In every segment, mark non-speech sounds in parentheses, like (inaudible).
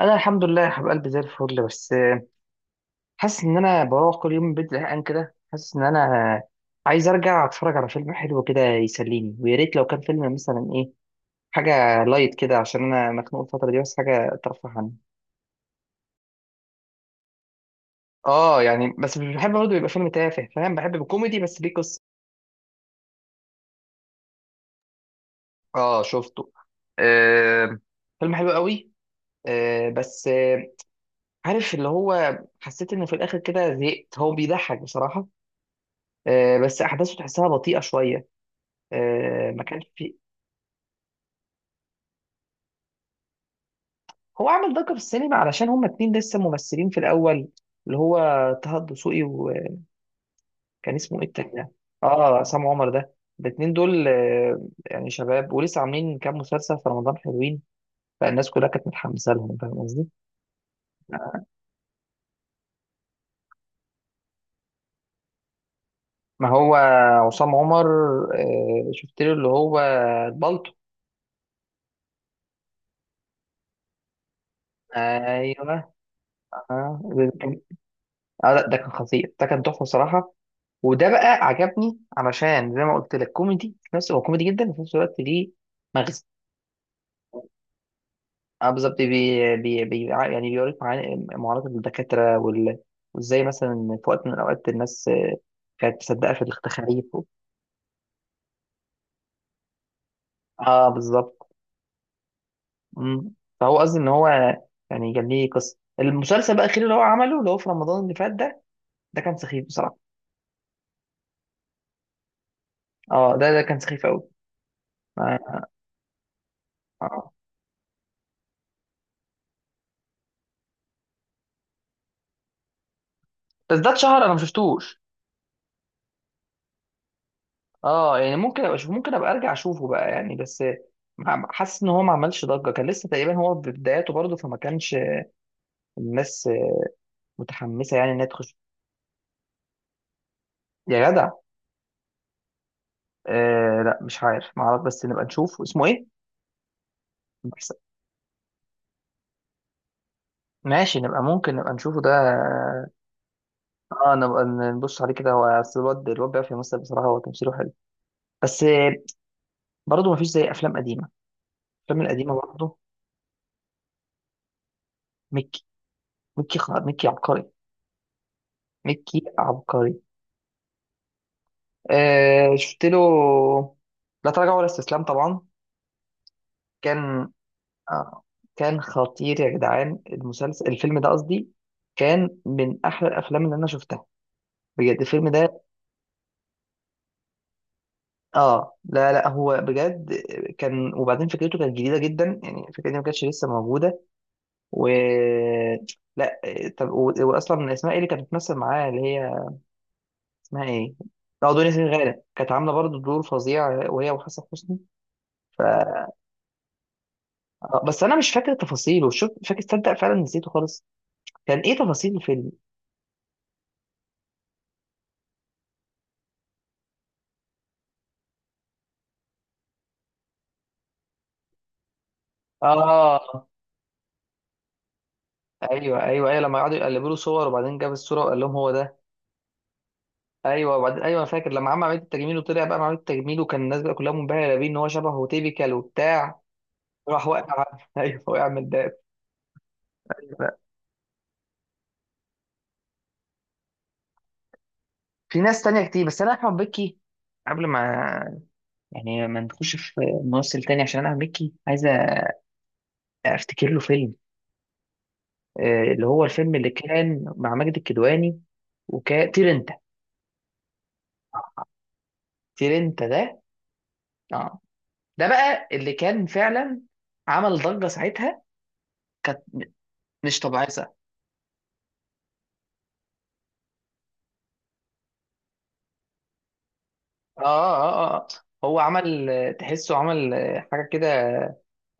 انا الحمد لله يا حبيب قلبي، زي الفل. بس حاسس ان انا بروح كل يوم من البيت زهقان كده، حاسس ان انا عايز ارجع اتفرج على فيلم حلو كده يسليني، ويا ريت لو كان فيلم مثلا ايه، حاجه لايت كده، عشان انا مخنوق الفتره دي، بس حاجه ترفه عني. اه يعني، بس مش بحب برضه يبقى فيلم تافه، فاهم؟ بحب الكوميدي بس ليه قصه. اه، شفته. آه، فيلم حلو قوي. آه، بس عارف اللي هو، حسيت انه في الاخر كده زهقت، هو بيضحك بصراحه. آه، بس احداثه تحسها بطيئه شويه. آه، ما كانش فيه. هو عمل ضجة في السينما علشان هما اتنين لسه ممثلين في الأول، اللي هو طه الدسوقي، وكان اسمه ايه التاني ده؟ اه، عصام عمر، ده الاتنين دول يعني شباب، ولسه عاملين كام مسلسل في رمضان حلوين، فالناس كلها كانت متحمسة لهم، فاهم قصدي؟ ما هو عصام عمر، شفت له اللي هو البلطو. ايوه. اه، ده كان آه، لا، ده كان خطير، ده كان تحفة بصراحة. وده بقى عجبني، علشان زي ما قلت لك كوميدي، في نفس، هو كوميدي جدا وفي نفس الوقت ليه مغزى. اه بالظبط، بي بي بي يعني بيوريك معاناة الدكاترة وال-، وازاي مثلا في وقت من الأوقات الناس كانت مصدقة في التخاريف. اه بالظبط. مم. فهو قصدي ان هو، يعني كان ليه قصة. المسلسل بقى الأخير اللي هو عمله اللي هو في رمضان اللي فات ده، ده كان سخيف بصراحة. اه، ده كان سخيف قوي. آه. آه. بس ده اتشهر، انا ما شفتوش. اه يعني ممكن ابقى اشوف، ممكن ابقى ارجع اشوفه بقى يعني، بس مع-، حاسس ان هو ما عملش ضجه، كان لسه تقريبا هو في بداياته برضه، فما كانش الناس متحمسه يعني انها تخش. يا جدع. آه، لا، مش عارف، ما اعرف، بس نبقى نشوف اسمه ايه. بس-، ماشي، نبقى، ممكن نبقى نشوفه ده. اه، نبقى نبص عليه كده، هو أصل الواد، الواد بيعرف يمثل بصراحه، هو تمثيله حلو. بس برضه ما فيش زي افلام قديمه، الافلام القديمه برضه. ميكي، ميكي عبقري. ميكي عبقري. آه، شفت له لا تراجع ولا استسلام طبعا. كان آه، كان خطير يا جدعان، المسلسل، الفيلم ده قصدي، كان من احلى الافلام اللي انا شفتها بجد، الفيلم ده. اه لا لا، هو بجد كان، وبعدين فكرته كانت جديده جدا، يعني الفكره دي ما كانتش لسه موجوده. و لا، طب واصلا اسمها ايه اللي كانت بتمثل معاه، اللي هي اسمها ايه؟ اه، دنيا سمير غانم كانت عامله برضه دور فظيع، وهي وحسن حسني. آه، بس انا مش فاكر تفاصيله، شوف فاكر، تصدق فعلا نسيته خالص. كان ايه تفاصيل الفيلم؟ اه ايوه ايوه ايوه، لما قعدوا يقلبوا له صور، وبعدين جاب الصوره وقال لهم هو ده. ايوه، وبعدين، ايوه، أنا فاكر لما عمل عمليه التجميل، وطلع بقى عمليه التجميل، وكان الناس بقى كلها منبهره بيه ان هو شبهه تيبيكال وبتاع. راح وقع (laughs) ايوه، وقع من ده. أيوة. في ناس تانية كتير، بس انا احمد مكي، قبل ما، يعني ما نخش في ممثل تاني عشان انا احمد مكي، عايز افتكر له فيلم. اللي هو الفيلم اللي كان مع ماجد الكدواني، وكان طير انت، ترينتا ده. اه، ده بقى اللي كان فعلا عمل ضجة ساعتها، كانت مش طبيعية ساعتها. اه اه اه. آه. هو عمل، تحسه عمل، حاجة كده،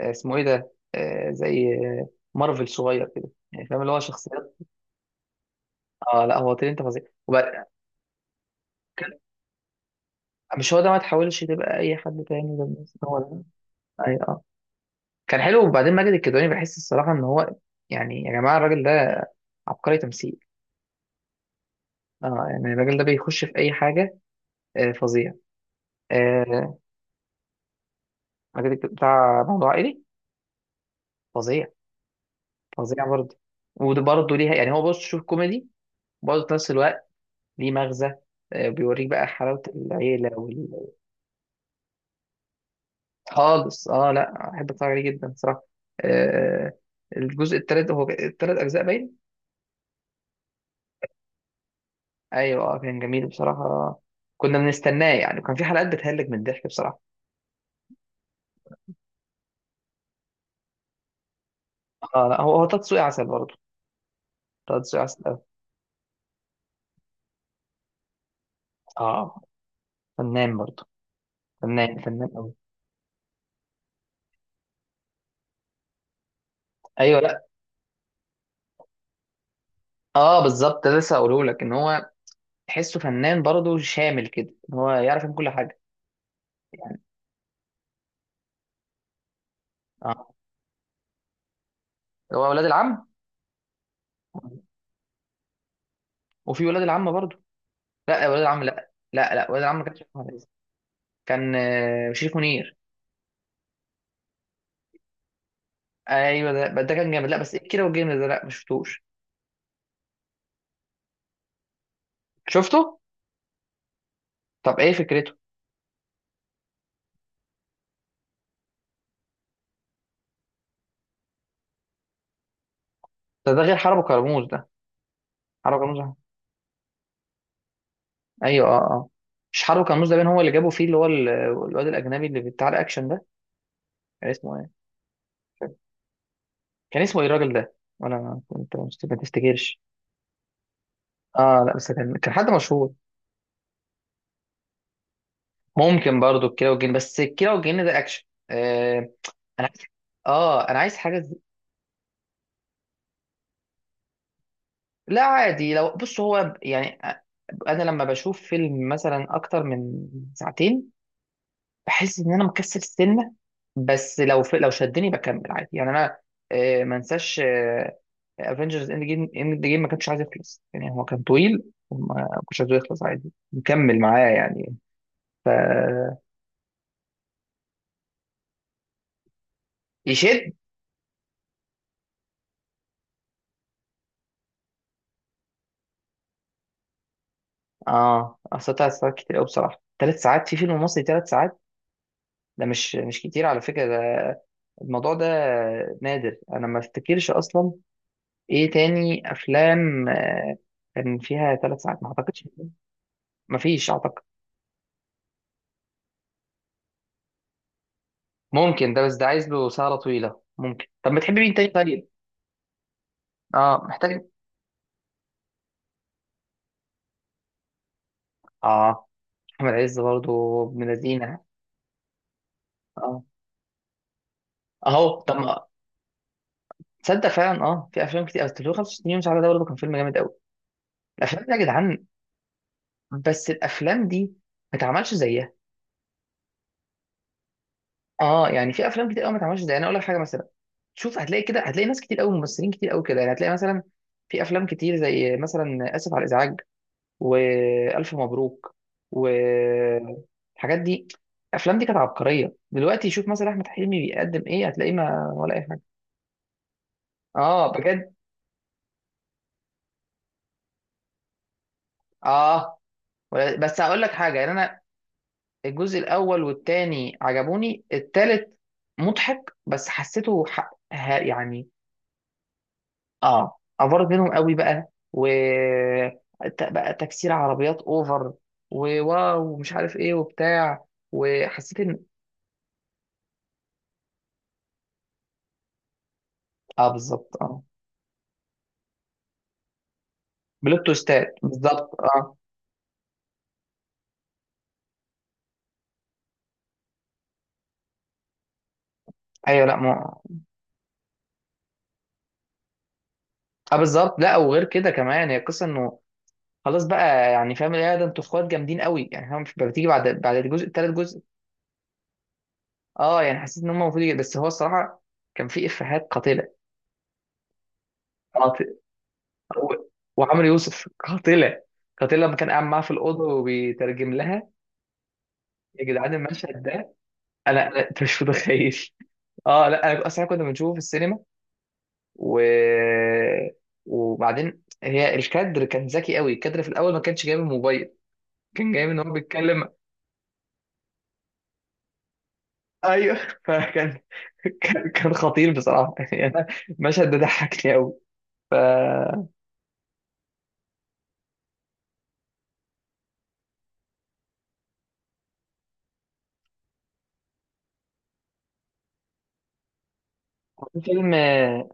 اسمه ايه ده، زي، مارفل صغير كده، يعني فاهم؟ اللي هو شخصيات. اه لا، هو ترينتا فظيع، وبعد-. كان- مش هو ده، ما تحاولش تبقى اي حد تاني ده، بس هو ده. اي اه. كان حلو. وبعدين ماجد الكدواني، بحس الصراحة ان هو يعني، يا جماعة الراجل ده عبقري تمثيل. اه يعني الراجل ده بيخش في اي حاجة، آه، فظيع. آه، ماجد بتاع موضوع عائلي. فظيع. فظيع برضه. وده برضه ليها، يعني هو برضه شوف كوميدي برضه في نفس الوقت ليه مغزى. بيوريك بقى حلاوة العيلة وال... خالص. اه لا، احب اتفرج عليه جدا صراحة. آه، الجزء التالت، هو التلات اجزاء باين. ايوه، كان جميل بصراحة، كنا بنستناه يعني، وكان في حلقات بتهلك من الضحك بصراحة. اه لا، هو طه دسوقي عسل برضه. طه دسوقي عسل أوي. اه، فنان برضه، فنان فنان قوي. ايوه لا، اه بالظبط، ده لسه هقوله لك، ان هو تحسه فنان برضه، شامل كده، إن هو يعرف يعمل كل حاجه. يعني. اه، هو ولاد العم، وفي ولاد العم برضه. لا، ولاد العم، لا لا لا، ولاد العم ما كانش شريف أحمد عز. كان شريف منير. ايوه ده، بس ده كان جامد. لا، بس ايه كده، والجامد ده لا ما شفتوش. شفته. طب ايه فكرته؟ ده، ده غير حرب كرموز ده. حرب كرموز، ايوه اه اه، مش حرب كرموز. ده بين هو اللي جابوا فيه اللي هو الواد الاجنبي اللي بتاع الاكشن ده، كان اسمه ايه، كان اسمه ايه الراجل ده، ولا ما-، انت ما بتفتكرش؟ اه لا، بس كان حد مشهور. ممكن برضو الكيرة والجن، بس الكيرة والجن ده اكشن. آه، انا عايز، اه، انا عايز حاجه زي-. لا عادي، لو بص، هو يعني، انا لما بشوف فيلم مثلا اكتر من ساعتين، بحس ان انا مكسل السنه، بس لو في...، لو شدني بكمل عادي يعني انا. آه، ما انساش افنجرز اند جيم، ما كانش عايز يخلص، يعني هو كان طويل وما كنتش عايزه يخلص، عادي مكمل معاه يعني. ف، يشد. اه اصل 3 ساعات كتير قوي بصراحه، 3 ساعات في فيلم مصري، 3 ساعات ده مش كتير على فكرة ده، الموضوع ده نادر، انا ما افتكرش اصلا ايه تاني افلام كان فيها 3 ساعات، ما اعتقدش. ما فيش اعتقد. ممكن ده، بس ده عايز له سهرة طويلة. ممكن. طب بتحب مين تاني طيب؟ اه محتاج. اه، احمد عز برضه ابن لذينه. اه اهو. طب ما-، تصدق فعلا، اه في افلام كتير، أصل 365 يوم سعاده ده برضه كان فيلم جامد قوي. الافلام دي يا جدعان، بس الافلام دي ما اتعملش زيها. اه يعني، في افلام كتير قوي ما اتعملش زيها. انا اقول لك حاجه مثلا، شوف هتلاقي كده، هتلاقي ناس كتير قوي، ممثلين كتير قوي كده، يعني هتلاقي مثلا في افلام كتير، زي مثلا اسف على الازعاج، والف مبروك، والحاجات دي، الافلام دي كانت عبقريه. دلوقتي شوف مثلا احمد حلمي بيقدم ايه، هتلاقيه ما، ولا اي حاجه. اه بجد. اه، ولا-، بس هقول لك حاجه، يعني انا الجزء الاول والتاني عجبوني، التالت مضحك بس حسيته ح...، ه-، يعني. اه، افرت منهم قوي بقى، بقى تكسير عربيات اوفر، وواو ومش عارف ايه وبتاع، وحسيت ان. اه بالظبط. اه، بلوت تويستات بالظبط، اه. ايوه لا ما. اه بالظبط. لا، وغير كده كمان، هي القصه انه خلاص بقى، يعني فاهم، يا ده انتوا اخوات جامدين قوي يعني، فاهم، مش بتيجي بعد، الجزء الثالث جزء. اه يعني حسيت ان هم المفروض يجي-، بس هو الصراحه كان في افيهات قاتله. قاتله. وعمرو يوسف قاتله. قاتله لما كان قاعد معاها في الاوضه وبيترجم لها. يا جدعان المشهد ده، انا انت مش متخيل. اه لا، انا اصلا كنا بنشوفه في السينما، و وبعدين هي الكادر كان ذكي قوي، الكادر في الاول ما كانش جايب الموبايل، كان جايب ان هو بيتكلم. ايوه. فكان (laughs) كان خطير بصراحه، يعني انا المشهد ده ضحكني قوي. ف، فيلم، آه،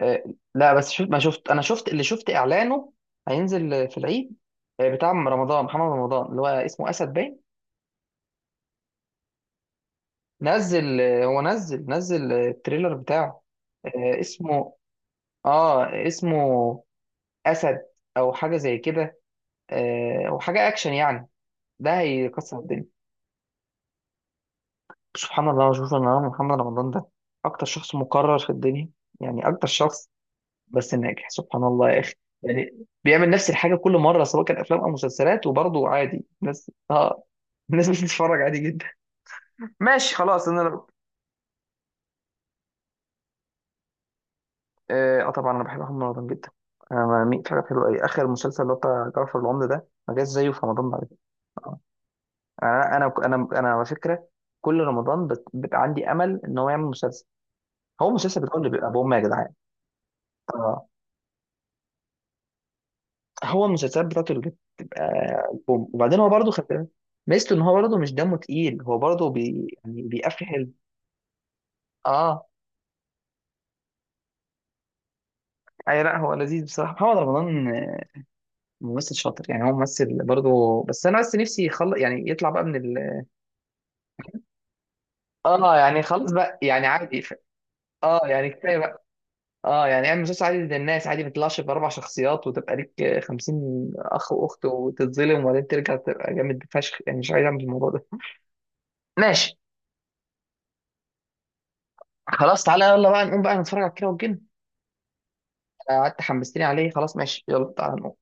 آه، لا بس شفت، ما شفت، انا شفت اللي شفت اعلانه، هينزل في العيد، بتاع رمضان، محمد رمضان اللي هو اسمه اسد باين. نزل، هو نزل التريلر بتاعه. آه، اسمه، اه اسمه اسد، او حاجه زي كده، او حاجه اكشن يعني، ده هيكسر الدنيا. سبحان الله، شوف ان انا محمد رمضان ده اكتر شخص مكرر في الدنيا، يعني اكتر شخص، بس ناجح سبحان الله يا اخي، يعني بيعمل نفس الحاجه كل مره، سواء كان افلام او مسلسلات، وبرضه عادي الناس اه. (laughs) الناس بتتفرج عادي جدا، ماشي خلاص انا. اه. آه، طبعا انا بحب محمد رمضان جدا، انا بميل في حاجه حلوه قوي. اخر مسلسل اللي هو بتاع جعفر العمدة ده ما جاش زيه في رمضان بعد كده. آه. انا على فكره، كل رمضان بت...، بت...، عندي امل ان هو يعمل مسلسل. هو مسلسل بتاع اللي بيبقى بوم يا جدعان. اه، هو المسلسلات بتاعته اللي بتبقى بوم، وبعدين هو برضه، خد بالك ميزته ان هو برضه مش دمه تقيل، هو برضه بي...، يعني بيقفل حلو. اه، اي لا، هو لذيذ بصراحه محمد رمضان. ممثل شاطر يعني، هو ممثل برضه، بس انا بس نفسي يخلص يعني، يطلع بقى من ال...، اه يعني خلاص بقى، يعني عادي، ف-، اه يعني كفايه بقى. اه يعني اعمل مسلسل عادي للناس عادي، ما تطلعش باربع شخصيات وتبقى ليك 50 اخ واخت، وتتظلم وبعدين ترجع تبقى جامد فشخ، يعني مش عايز اعمل الموضوع ده (laughs) ماشي. خلاص تعالى يلا بقى نقوم بقى نتفرج على كيرة والجن. آه، قعدت حمستني عليه، خلاص ماشي يلا تعالى نقوم.